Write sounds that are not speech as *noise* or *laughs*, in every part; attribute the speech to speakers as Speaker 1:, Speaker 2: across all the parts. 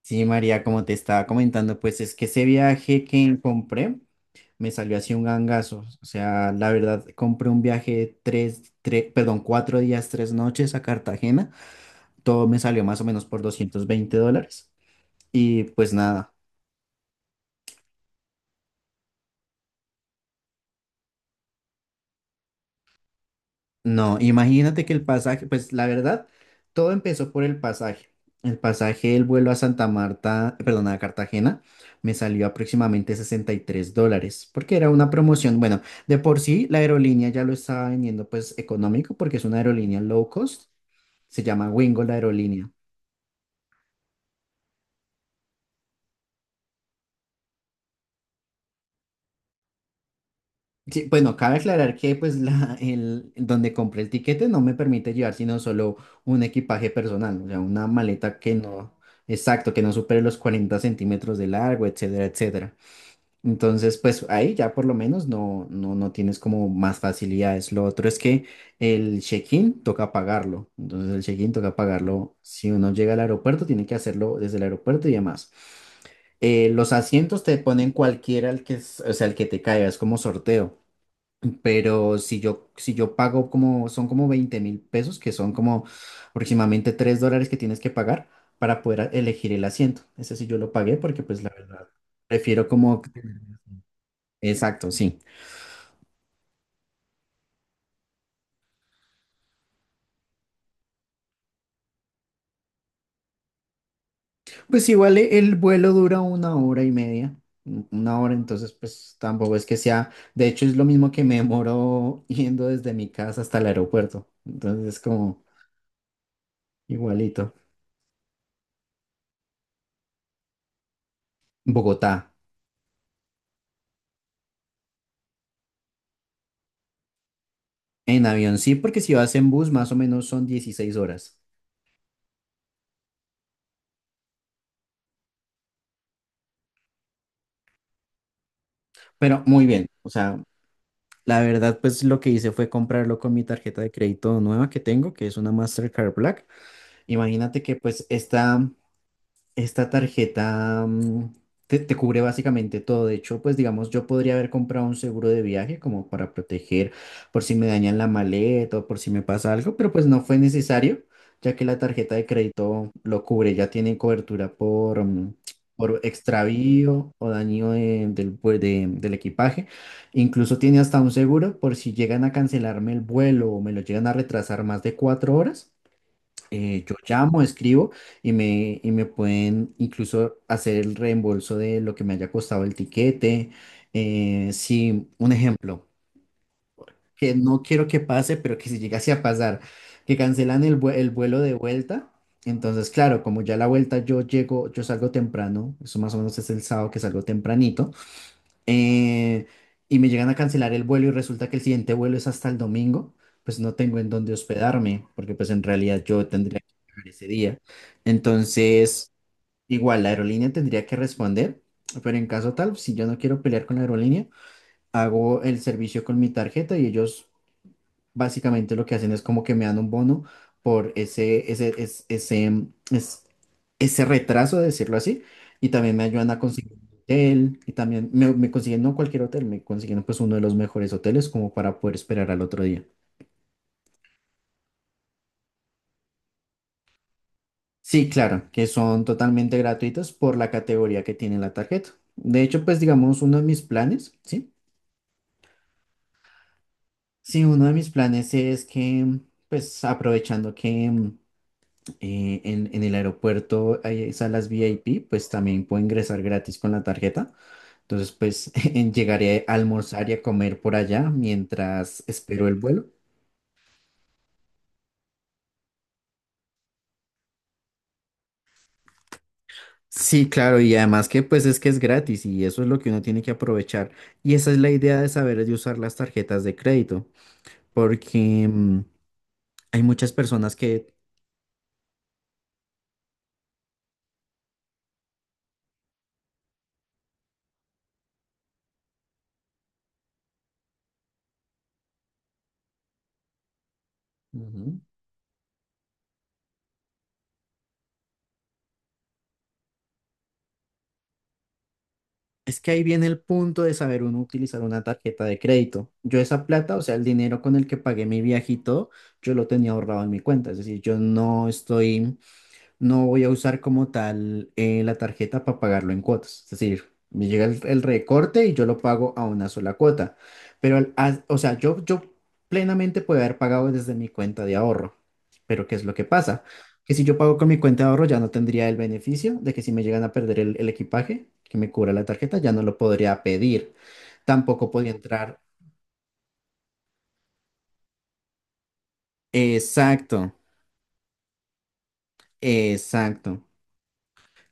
Speaker 1: Sí, María, como te estaba comentando, pues es que ese viaje que compré me salió así un gangazo. O sea, la verdad, compré un viaje de tres, tres, perdón, 4 días, 3 noches a Cartagena. Todo me salió más o menos por $220. Y pues nada. No, imagínate que el pasaje, pues la verdad, todo empezó por el pasaje. El pasaje del vuelo a Santa Marta, perdón, a Cartagena, me salió aproximadamente $63, porque era una promoción. Bueno, de por sí la aerolínea ya lo estaba vendiendo pues económico, porque es una aerolínea low cost, se llama Wingo la aerolínea. Sí, bueno, cabe aclarar que pues el, donde compré el tiquete no me permite llevar sino solo un equipaje personal, o sea, una maleta que no, exacto, que no supere los 40 centímetros de largo, etcétera, etcétera. Entonces, pues ahí ya por lo menos no tienes como más facilidades. Lo otro es que el check-in toca pagarlo, entonces el check-in toca pagarlo. Si uno llega al aeropuerto, tiene que hacerlo desde el aeropuerto y demás. Los asientos te ponen cualquiera el que, o sea, el que te caiga, es como sorteo. Pero si yo pago como, son como 20.000 pesos, que son como aproximadamente $3 que tienes que pagar para poder elegir el asiento. Ese sí yo lo pagué porque pues la verdad, prefiero como. Exacto, sí. Pues igual el vuelo dura una hora y media, una hora, entonces pues tampoco es que sea. De hecho es lo mismo que me demoro *laughs* yendo desde mi casa hasta el aeropuerto. Entonces es como igualito. Bogotá. En avión sí, porque si vas en bus más o menos son 16 horas. Pero muy bien, o sea, la verdad, pues lo que hice fue comprarlo con mi tarjeta de crédito nueva que tengo, que es una Mastercard Black. Imagínate que pues esta tarjeta te cubre básicamente todo. De hecho, pues digamos, yo podría haber comprado un seguro de viaje como para proteger por si me dañan la maleta o por si me pasa algo, pero pues no fue necesario, ya que la tarjeta de crédito lo cubre. Ya tiene cobertura por extravío o daño del equipaje. Incluso tiene hasta un seguro por si llegan a cancelarme el vuelo o me lo llegan a retrasar más de 4 horas. Yo llamo, escribo y me pueden incluso hacer el reembolso de lo que me haya costado el tiquete. Si, un ejemplo, que no quiero que pase, pero que si llegase a pasar, que cancelan el vuelo de vuelta. Entonces, claro, como ya la vuelta yo llego, yo salgo temprano, eso más o menos es el sábado que salgo tempranito, eh, y me llegan a cancelar el vuelo y resulta que el siguiente vuelo es hasta el domingo, pues no tengo en dónde hospedarme, porque pues en realidad yo tendría que viajar ese día. Entonces, igual la aerolínea tendría que responder, pero en caso tal, si yo no quiero pelear con la aerolínea, hago el servicio con mi tarjeta y ellos básicamente lo que hacen es como que me dan un bono por ese, ese, es- ese, mm, es- ese retraso, de decirlo así, y también me ayudan a conseguir un hotel, y también me consiguen no cualquier hotel, me consiguen pues uno de los mejores hoteles como para poder esperar al otro día. Sí, claro, que son totalmente gratuitos por la categoría que tiene la tarjeta. De hecho, pues digamos, uno de mis planes, ¿sí? Sí, uno de mis planes es que, pues aprovechando que en el aeropuerto hay salas VIP, pues también puedo ingresar gratis con la tarjeta. Entonces, pues *laughs* llegaré a almorzar y a comer por allá mientras espero el vuelo. Sí, claro, y además que pues es que es gratis y eso es lo que uno tiene que aprovechar. Y esa es la idea de saber de usar las tarjetas de crédito, porque hay muchas personas que. Ujú. Es que ahí viene el punto de saber uno utilizar una tarjeta de crédito. Yo esa plata, o sea, el dinero con el que pagué mi viaje y todo, yo lo tenía ahorrado en mi cuenta. Es decir, yo no voy a usar como tal, la tarjeta para pagarlo en cuotas. Es decir, me llega el recorte y yo lo pago a una sola cuota. Pero, o sea, yo plenamente puedo haber pagado desde mi cuenta de ahorro. Pero ¿qué es lo que pasa? Que si yo pago con mi cuenta de ahorro ya no tendría el beneficio de que si me llegan a perder el equipaje que me cubra la tarjeta, ya no lo podría pedir. Tampoco podría entrar. Exacto, exacto.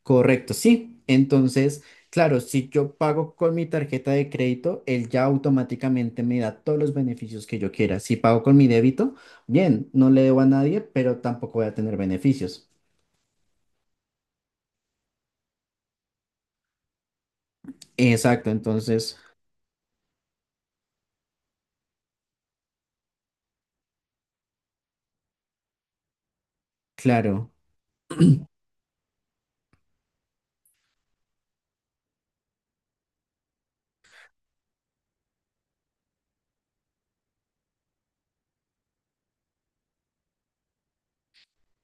Speaker 1: Correcto, sí. Entonces, claro, si yo pago con mi tarjeta de crédito, él ya automáticamente me da todos los beneficios que yo quiera. Si pago con mi débito, bien, no le debo a nadie, pero tampoco voy a tener beneficios. Exacto, entonces, claro.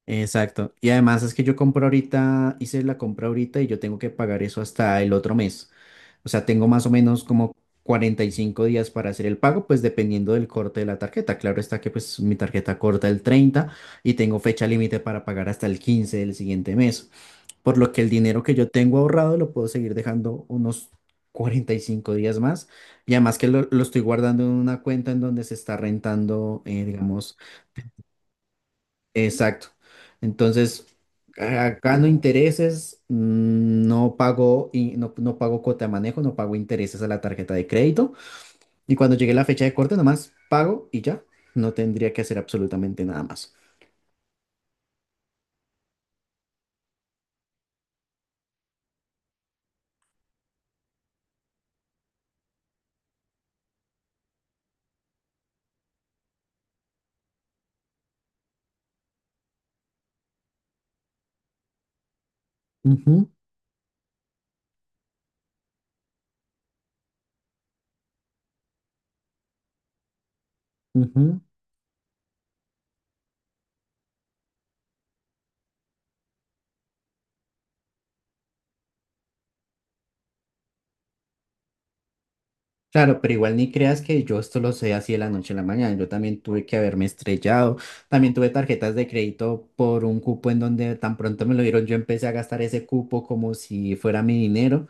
Speaker 1: Exacto. Y además es que yo compro ahorita, hice la compra ahorita y yo tengo que pagar eso hasta el otro mes. O sea, tengo más o menos como 45 días para hacer el pago, pues dependiendo del corte de la tarjeta. Claro está que pues mi tarjeta corta el 30 y tengo fecha límite para pagar hasta el 15 del siguiente mes. Por lo que el dinero que yo tengo ahorrado lo puedo seguir dejando unos 45 días más. Y además que lo estoy guardando en una cuenta en donde se está rentando, digamos. Exacto. Entonces, gano intereses, no pago, y no pago cuota de manejo, no pago intereses a la tarjeta de crédito. Y cuando llegue la fecha de corte, nomás pago y ya. No tendría que hacer absolutamente nada más. Ujú, ujú. Claro, pero igual ni creas que yo esto lo sé así de la noche a la mañana. Yo también tuve que haberme estrellado. También tuve tarjetas de crédito por un cupo en donde tan pronto me lo dieron. Yo empecé a gastar ese cupo como si fuera mi dinero.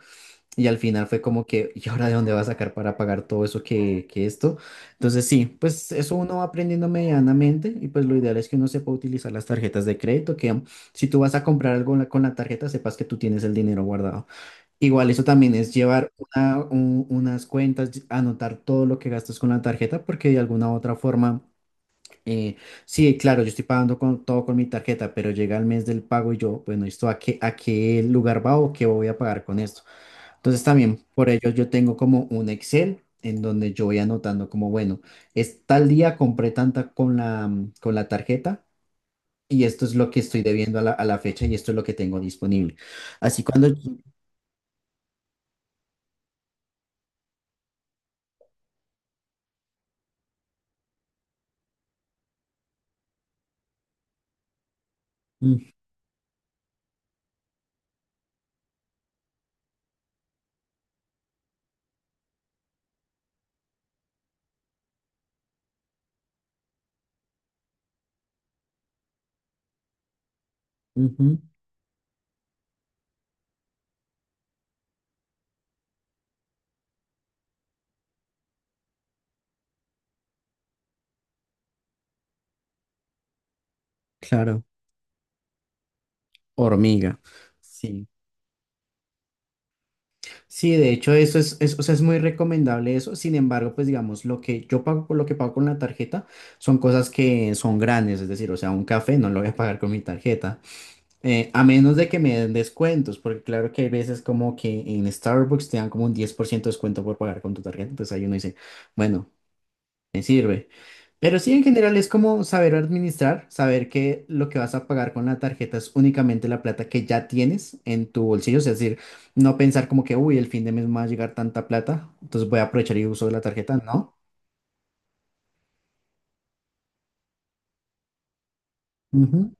Speaker 1: Y al final fue como que, ¿y ahora de dónde va a sacar para pagar todo eso que esto? Entonces sí, pues eso uno va aprendiendo medianamente y pues lo ideal es que uno sepa utilizar las tarjetas de crédito, que si tú vas a comprar algo con la tarjeta, sepas que tú tienes el dinero guardado. Igual eso también es llevar unas cuentas, anotar todo lo que gastas con la tarjeta, porque de alguna u otra forma, eh, sí, claro, yo estoy pagando todo con mi tarjeta, pero llega el mes del pago y yo, bueno, ¿esto a qué, lugar va o qué voy a pagar con esto? Entonces también por ello yo tengo como un Excel en donde yo voy anotando como, bueno, es tal día compré tanta con la tarjeta y esto es lo que estoy debiendo a la fecha y esto es lo que tengo disponible. Así cuando. Mm, ujú, claro, hormiga. Sí, sí, de hecho eso es, o sea, es muy recomendable eso. Sin embargo, pues digamos, lo que yo pago, lo que pago con la tarjeta son cosas que son grandes, es decir, o sea, un café no lo voy a pagar con mi tarjeta. A menos de que me den descuentos, porque claro que hay veces como que en Starbucks te dan como un 10% de descuento por pagar con tu tarjeta, entonces ahí uno dice, bueno, me sirve. Pero sí, en general es como saber administrar, saber que lo que vas a pagar con la tarjeta es únicamente la plata que ya tienes en tu bolsillo, es decir, no pensar como que, uy, el fin de mes me va a llegar tanta plata, entonces voy a aprovechar y uso la tarjeta, ¿no? Ujú.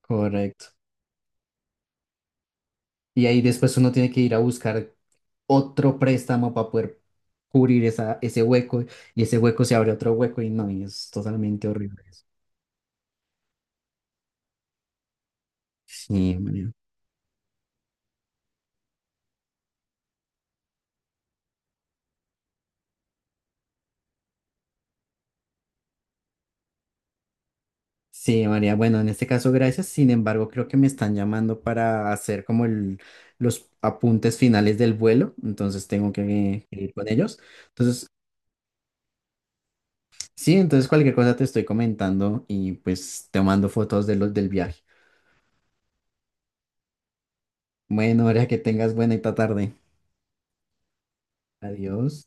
Speaker 1: Correcto. Y ahí después uno tiene que ir a buscar otro préstamo para poder cubrir ese hueco y ese hueco se abre otro hueco y no, y es totalmente horrible eso. Sí, María. Sí, María. Bueno, en este caso, gracias. Sin embargo, creo que me están llamando para hacer como los apuntes finales del vuelo, entonces tengo que ir con ellos. Entonces, sí, entonces cualquier cosa te estoy comentando y pues te mando fotos de los del viaje. Bueno, María, que tengas buena y ta tarde. Adiós.